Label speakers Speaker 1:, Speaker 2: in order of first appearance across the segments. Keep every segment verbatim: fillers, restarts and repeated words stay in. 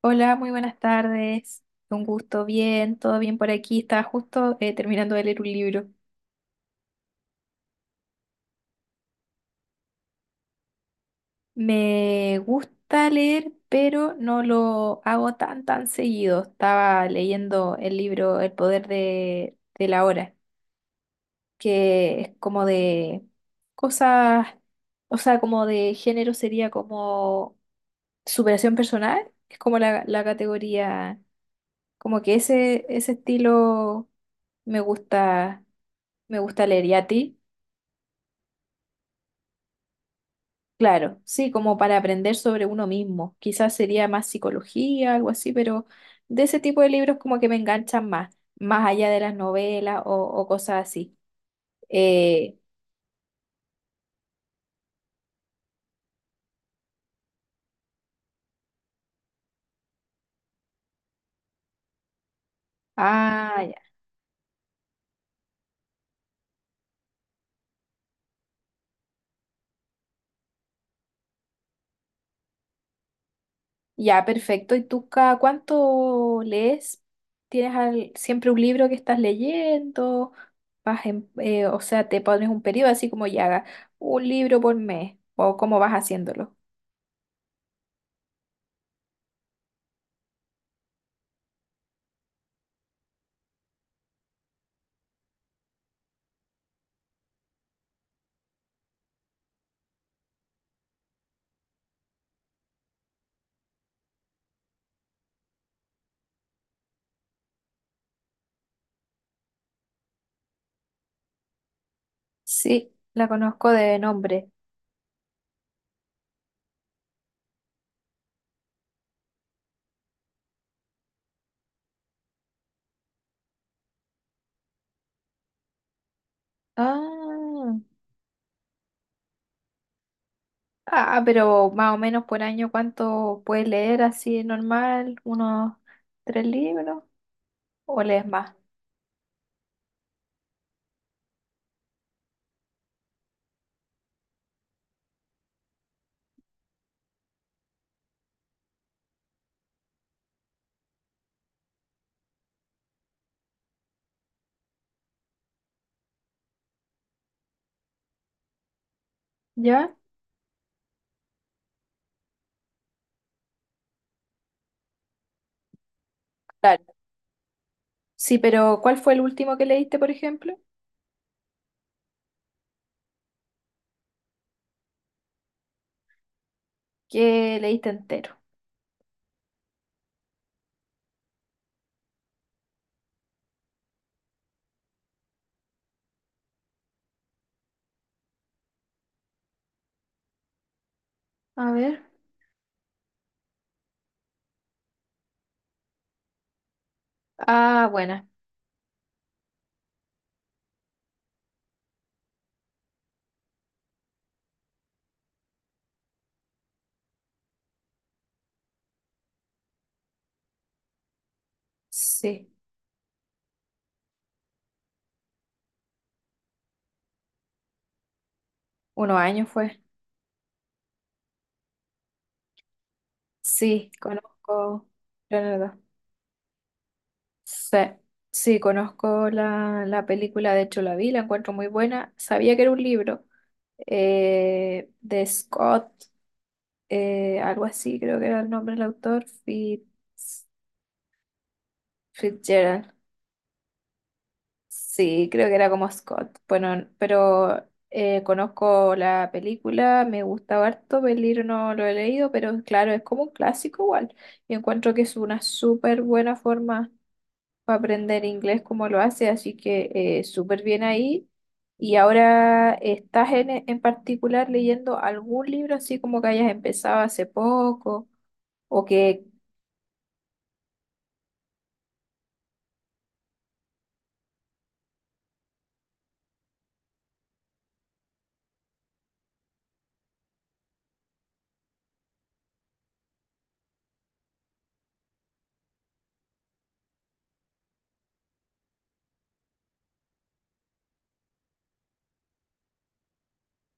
Speaker 1: Hola, muy buenas tardes. Un gusto, bien, todo bien por aquí. Estaba justo eh, terminando de leer un libro. Me gusta leer, pero no lo hago tan, tan seguido. Estaba leyendo el libro El poder de, de la hora, que es como de cosas, o sea, como de género sería como superación personal. Es como la, la categoría, como que ese, ese estilo me gusta, me gusta leer. ¿Y a ti? Claro, sí, como para aprender sobre uno mismo. Quizás sería más psicología, algo así, pero de ese tipo de libros como que me enganchan más, más allá de las novelas o, o cosas así. Eh, ah, ya, ya, perfecto. ¿Y tú cada cuánto lees? ¿Tienes al- siempre un libro que estás leyendo? Vas en- eh, o sea, te pones un periodo así como ya haga un libro por mes o cómo vas haciéndolo. Sí, la conozco de nombre. Ah. Ah, pero más o menos por año, ¿cuánto puedes leer así normal? ¿Unos tres libros? ¿O lees más? ¿Ya? Claro. Sí, pero ¿cuál fue el último que leíste, por ejemplo? Que leíste entero. A ver. Ah, buena. Sí. Unos años fue. Sí, conozco. Leonardo. Sí. Sí, conozco la, la película, de hecho la vi, la encuentro muy buena. Sabía que era un libro eh, de Scott, eh, algo así, creo que era el nombre del autor, Fitz- Fitzgerald. Sí, creo que era como Scott. Bueno, pero eh, conozco la película, me gusta harto, el libro no lo he leído, pero claro, es como un clásico igual. Y encuentro que es una súper buena forma para aprender inglés como lo hace, así que eh, súper bien ahí. Y ahora, ¿estás en, en particular leyendo algún libro así como que hayas empezado hace poco o que...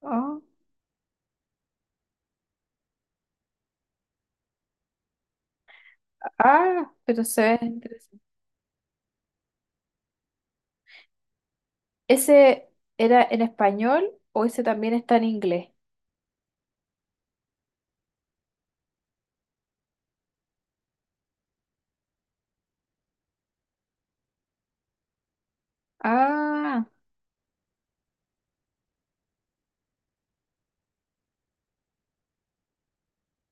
Speaker 1: ¿ah? Ah, pero se ve interesante. ¿Ese era en español o ese también está en inglés? Ah,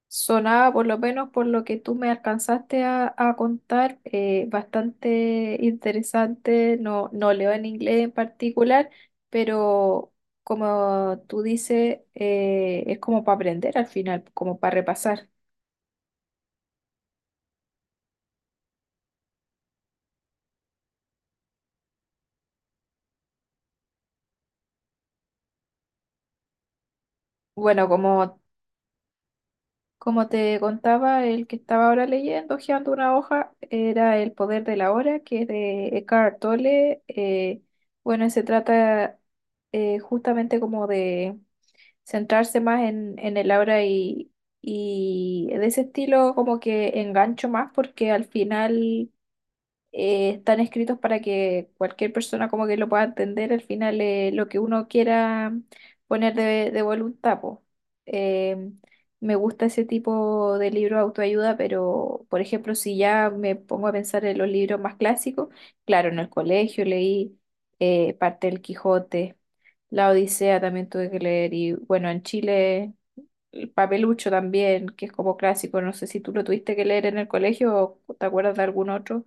Speaker 1: sonaba por lo menos por lo que tú me alcanzaste a, a contar, eh, bastante interesante. No, no leo en inglés en particular, pero como tú dices, eh, es como para aprender al final, como para repasar. Bueno, como Como te contaba, el que estaba ahora leyendo, hojeando una hoja, era El poder de la hora, que es de Eckhart Tolle. Eh, bueno, se trata eh, justamente como de centrarse más en, en el ahora y, y de ese estilo como que engancho más porque al final eh, están escritos para que cualquier persona como que lo pueda entender al final eh, lo que uno quiera poner de, de voluntad, po. Eh, Me gusta ese tipo de libro de autoayuda, pero por ejemplo, si ya me pongo a pensar en los libros más clásicos, claro, en el colegio leí eh, parte del Quijote, La Odisea también tuve que leer y bueno, en Chile... El Papelucho también, que es como clásico, no sé si tú lo tuviste que leer en el colegio o te acuerdas de algún otro.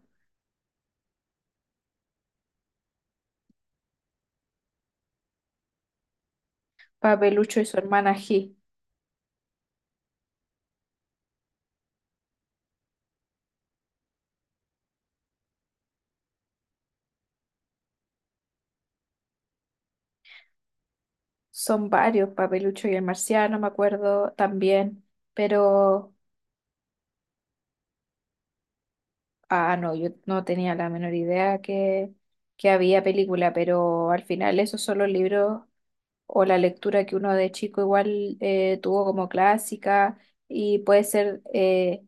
Speaker 1: Papelucho y su hermana G. Son varios, Papelucho y el marciano, me acuerdo también, pero, ah, no, yo no tenía la menor idea que, que había película, pero al final esos son los libros o la lectura que uno de chico igual eh, tuvo como clásica y puede ser, eh,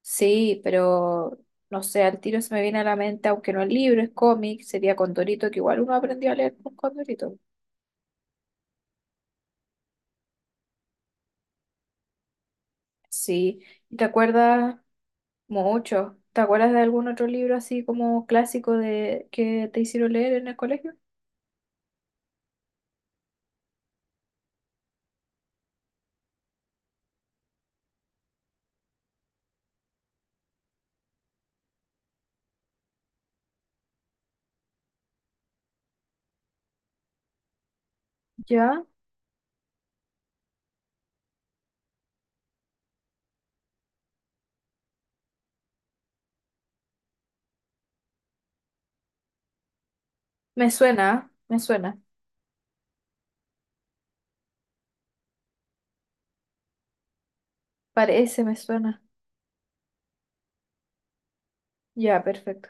Speaker 1: sí, pero no sé, al tiro se me viene a la mente, aunque no es libro, es cómic, sería Condorito, que igual uno aprendió a leer con Condorito. Sí, ¿y ¿te acuerdas? Mucho. ¿Te acuerdas de algún otro libro así como clásico de que te hicieron leer en el colegio? Ya, me suena, me suena. Parece, me suena. Ya, perfecto.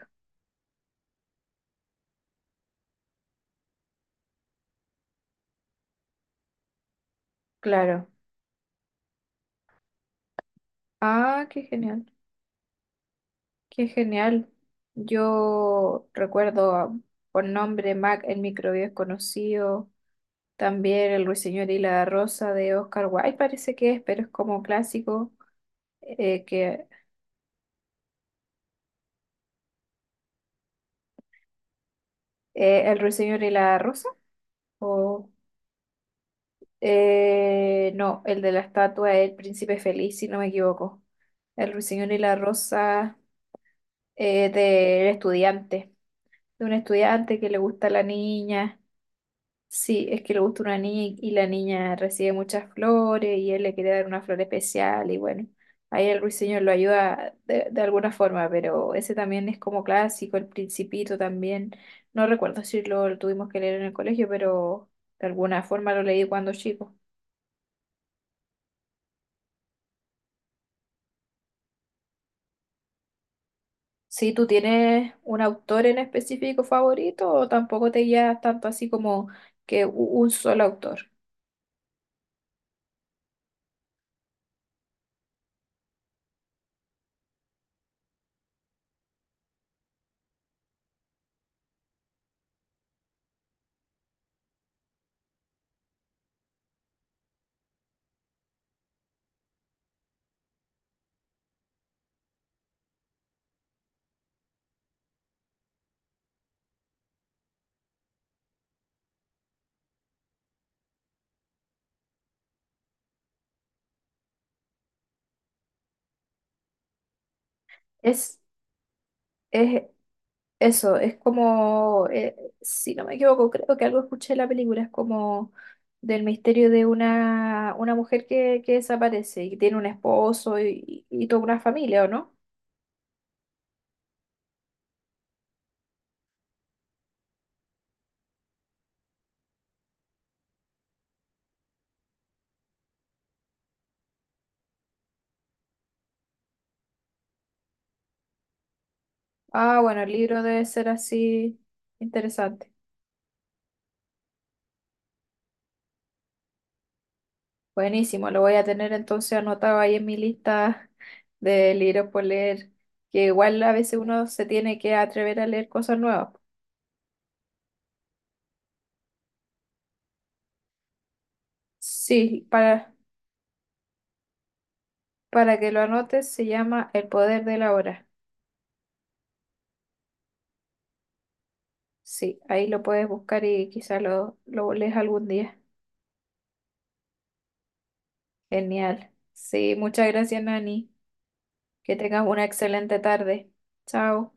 Speaker 1: Claro. Ah, qué genial, qué genial. Yo recuerdo a- por nombre Mac, el microbio es conocido. También El Ruiseñor y la Rosa de Oscar Wilde parece que es, pero es como clásico. Eh, que eh, El Ruiseñor y la Rosa. O. Eh, no, el de la estatua es el príncipe feliz, si no me equivoco. El ruiseñor y la rosa, eh, del estudiante. De un estudiante que le gusta a la niña. Sí, es que le gusta una niña y y la niña recibe muchas flores y él le quiere dar una flor especial y bueno, ahí el ruiseñor lo ayuda de, de alguna forma, pero ese también es como clásico, el principito también. No recuerdo si lo, lo tuvimos que leer en el colegio, pero de alguna forma lo leí cuando chico. Si tú tienes un autor en específico favorito o tampoco te guías tanto así como que u- un solo autor. Es, es eso, es como, eh, si no me equivoco, creo que algo escuché en la película, es como del misterio de una, una mujer que, que desaparece y tiene un esposo y, y y toda una familia, ¿o no? Ah, bueno, el libro debe ser así interesante. Buenísimo, lo voy a tener entonces anotado ahí en mi lista de libros por leer, que igual a veces uno se tiene que atrever a leer cosas nuevas. Sí, para, para que lo anotes se llama El poder de la hora. Sí, ahí lo puedes buscar y quizá lo, lo lees algún día. Genial. Sí, muchas gracias, Nani. Que tengas una excelente tarde. Chao.